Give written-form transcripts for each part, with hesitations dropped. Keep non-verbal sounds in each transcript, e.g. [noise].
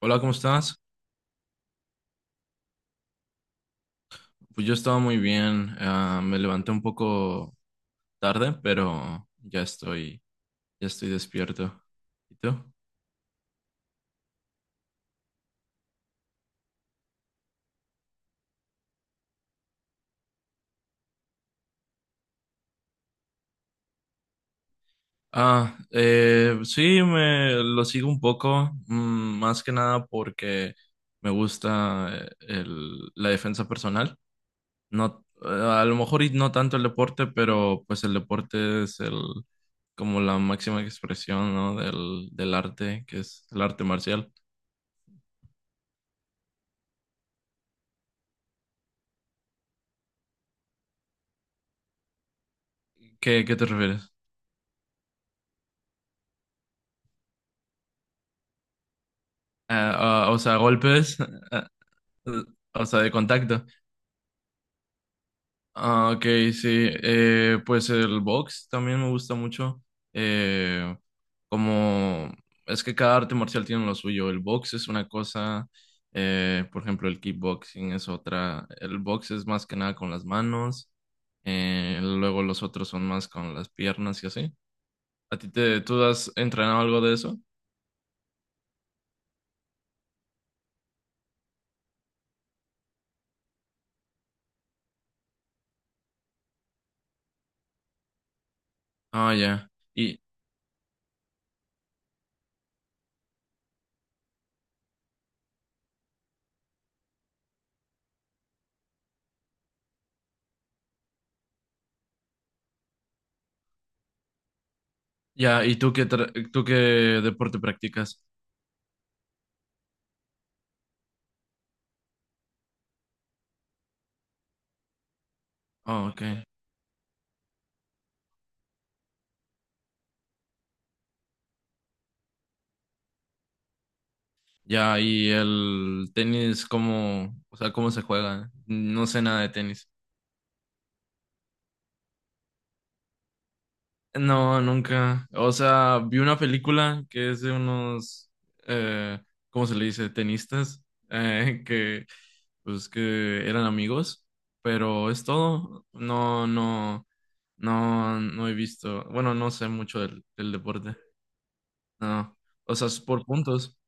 Hola, ¿cómo estás? Pues yo estaba muy bien. Me levanté un poco tarde, pero ya estoy despierto. ¿Y tú? Sí, me lo sigo un poco, más que nada porque me gusta la defensa personal. No, a lo mejor y no tanto el deporte, pero pues el deporte es el como la máxima expresión, ¿no?, del arte, que es el arte marcial. ¿Qué te refieres? O sea, golpes, ah, o sea, de contacto. Ah, ok, sí. Pues el box también me gusta mucho. Eh, Como es que cada arte marcial tiene lo suyo. El box es una cosa, por ejemplo, el kickboxing es otra. El box es más que nada con las manos. Luego los otros son más con las piernas y así. ¿A ti tú has entrenado algo de eso? Ah, ya. Y ya, ¿y tú qué deporte practicas? Ah, ok. Ya, y el tenis, ¿cómo, o sea, cómo se juega? No sé nada de tenis. No, nunca. O sea, vi una película que es de unos, eh, ¿cómo se le dice? Tenistas, eh, [laughs] que, pues, que eran amigos, pero es todo. No, no, no, no he visto. Bueno, no sé mucho del deporte. No. O sea, es por puntos.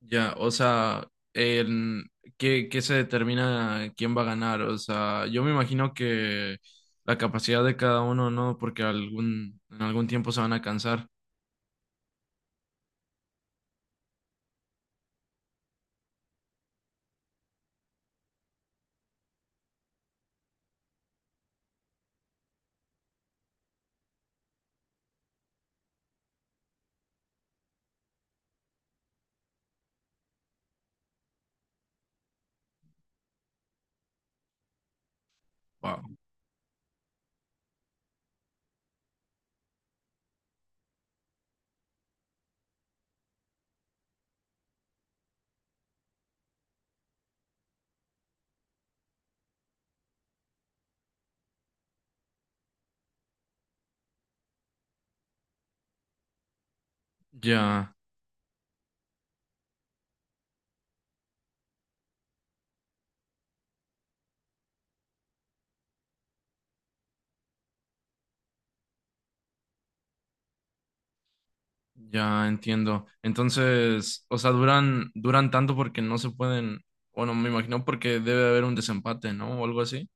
Ya, o sea, en- ¿qué se determina quién va a ganar? O sea, yo me imagino que la capacidad de cada uno, ¿no? Porque en algún tiempo se van a cansar. Wow. Ya, ya entiendo. Entonces, o sea, duran tanto porque no se pueden, bueno, me imagino porque debe haber un desempate, ¿no? O algo así.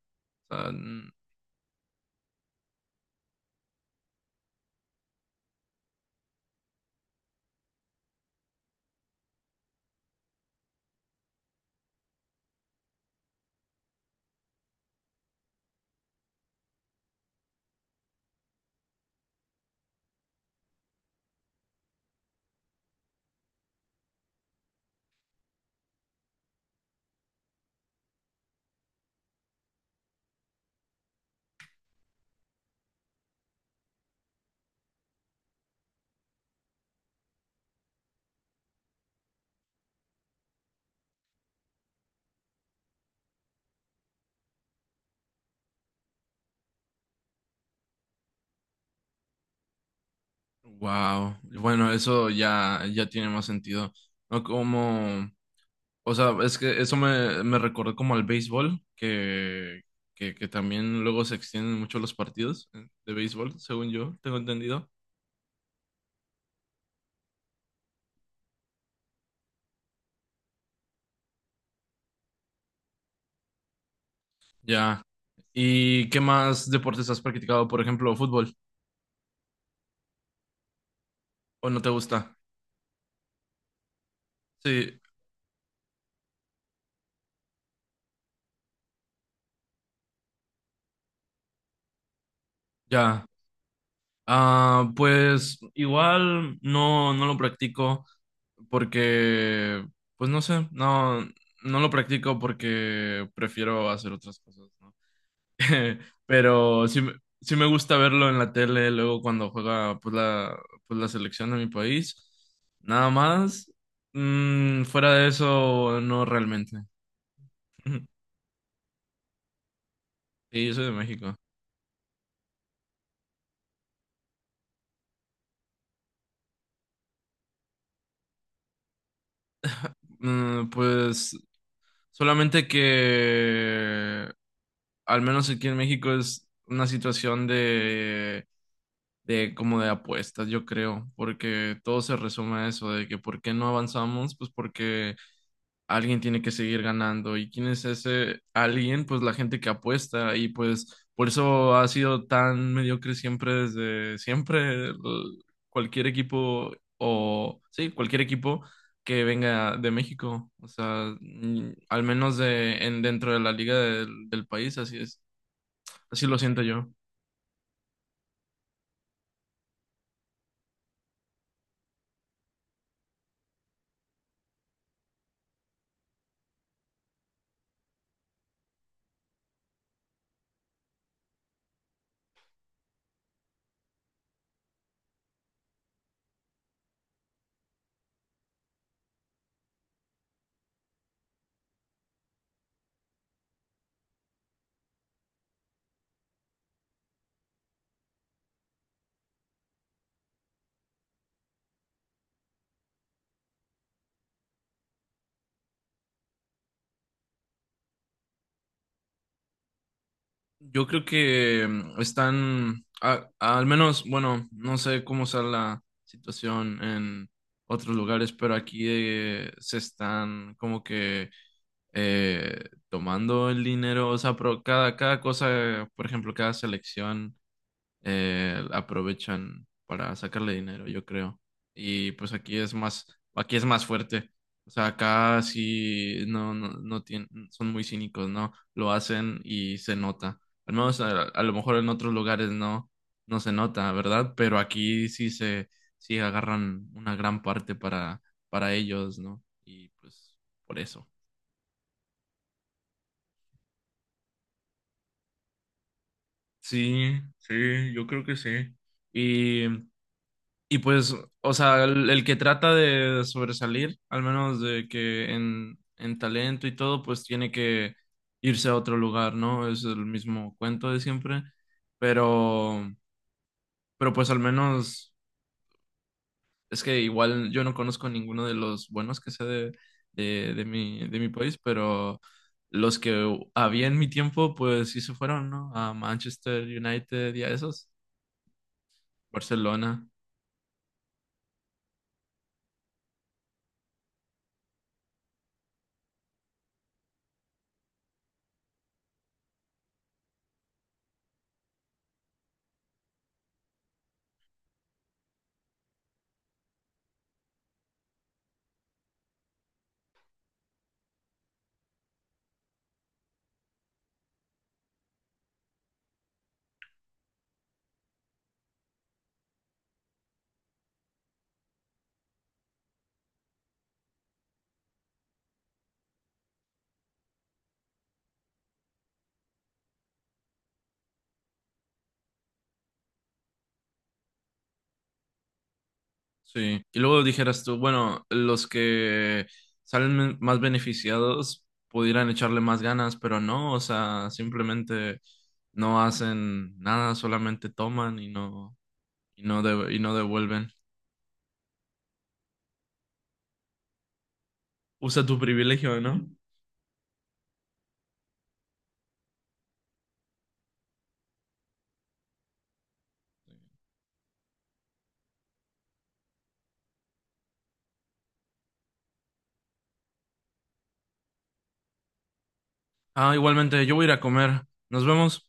Wow. Bueno, eso ya tiene más sentido. No como. O sea, es que eso me recordó como al béisbol, que también luego se extienden mucho los partidos de béisbol, según yo tengo entendido. Ya. ¿Y qué más deportes has practicado? Por ejemplo, fútbol. ¿O no te gusta? Sí, ya. Ah, pues igual no lo practico porque, pues no sé, no lo practico porque prefiero hacer otras cosas, ¿no? [laughs] Pero sí, sí me gusta verlo en la tele luego cuando juega pues la, selección de mi país. Nada más. Fuera de eso, no realmente. [laughs] Sí, yo soy de México. Pues solamente que al menos aquí en México es una situación de, como de apuestas, yo creo, porque todo se resume a eso, de que por qué no avanzamos, pues porque alguien tiene que seguir ganando. ¿Y quién es ese alguien? Pues la gente que apuesta y pues por eso ha sido tan mediocre siempre desde siempre cualquier equipo o sí, cualquier equipo que venga de México, o sea, al menos de en dentro de la liga del país, así es, así lo siento yo. Yo creo que están, al menos, bueno, no sé cómo sea la situación en otros lugares, pero aquí se están como que eh, tomando el dinero, o sea, pero cada cosa, por ejemplo, cada selección aprovechan para sacarle dinero, yo creo. Y pues aquí es más fuerte. O sea, acá sí no tienen, son muy cínicos, ¿no? Lo hacen y se nota. Al menos a lo mejor en otros lugares no se nota, ¿verdad? Pero aquí sí agarran una gran parte para ellos, ¿no? Y pues por eso. Sí, sí, yo creo que sí. Y Y pues, o sea, el que trata de sobresalir, al menos de que en talento y todo, pues tiene que irse a otro lugar, ¿no? Es el mismo cuento de siempre, pero, pero pues al menos es que igual yo no conozco ninguno de los buenos que sé de mi país, pero los que había en mi tiempo, pues sí se fueron, ¿no? A Manchester United y a esos, Barcelona. Sí, y luego dijeras tú, bueno, los que salen más beneficiados pudieran echarle más ganas, pero no, o sea, simplemente no hacen nada, solamente toman y no devuelven. Usa tu privilegio, ¿no? Ah, igualmente, yo voy a ir a comer. Nos vemos.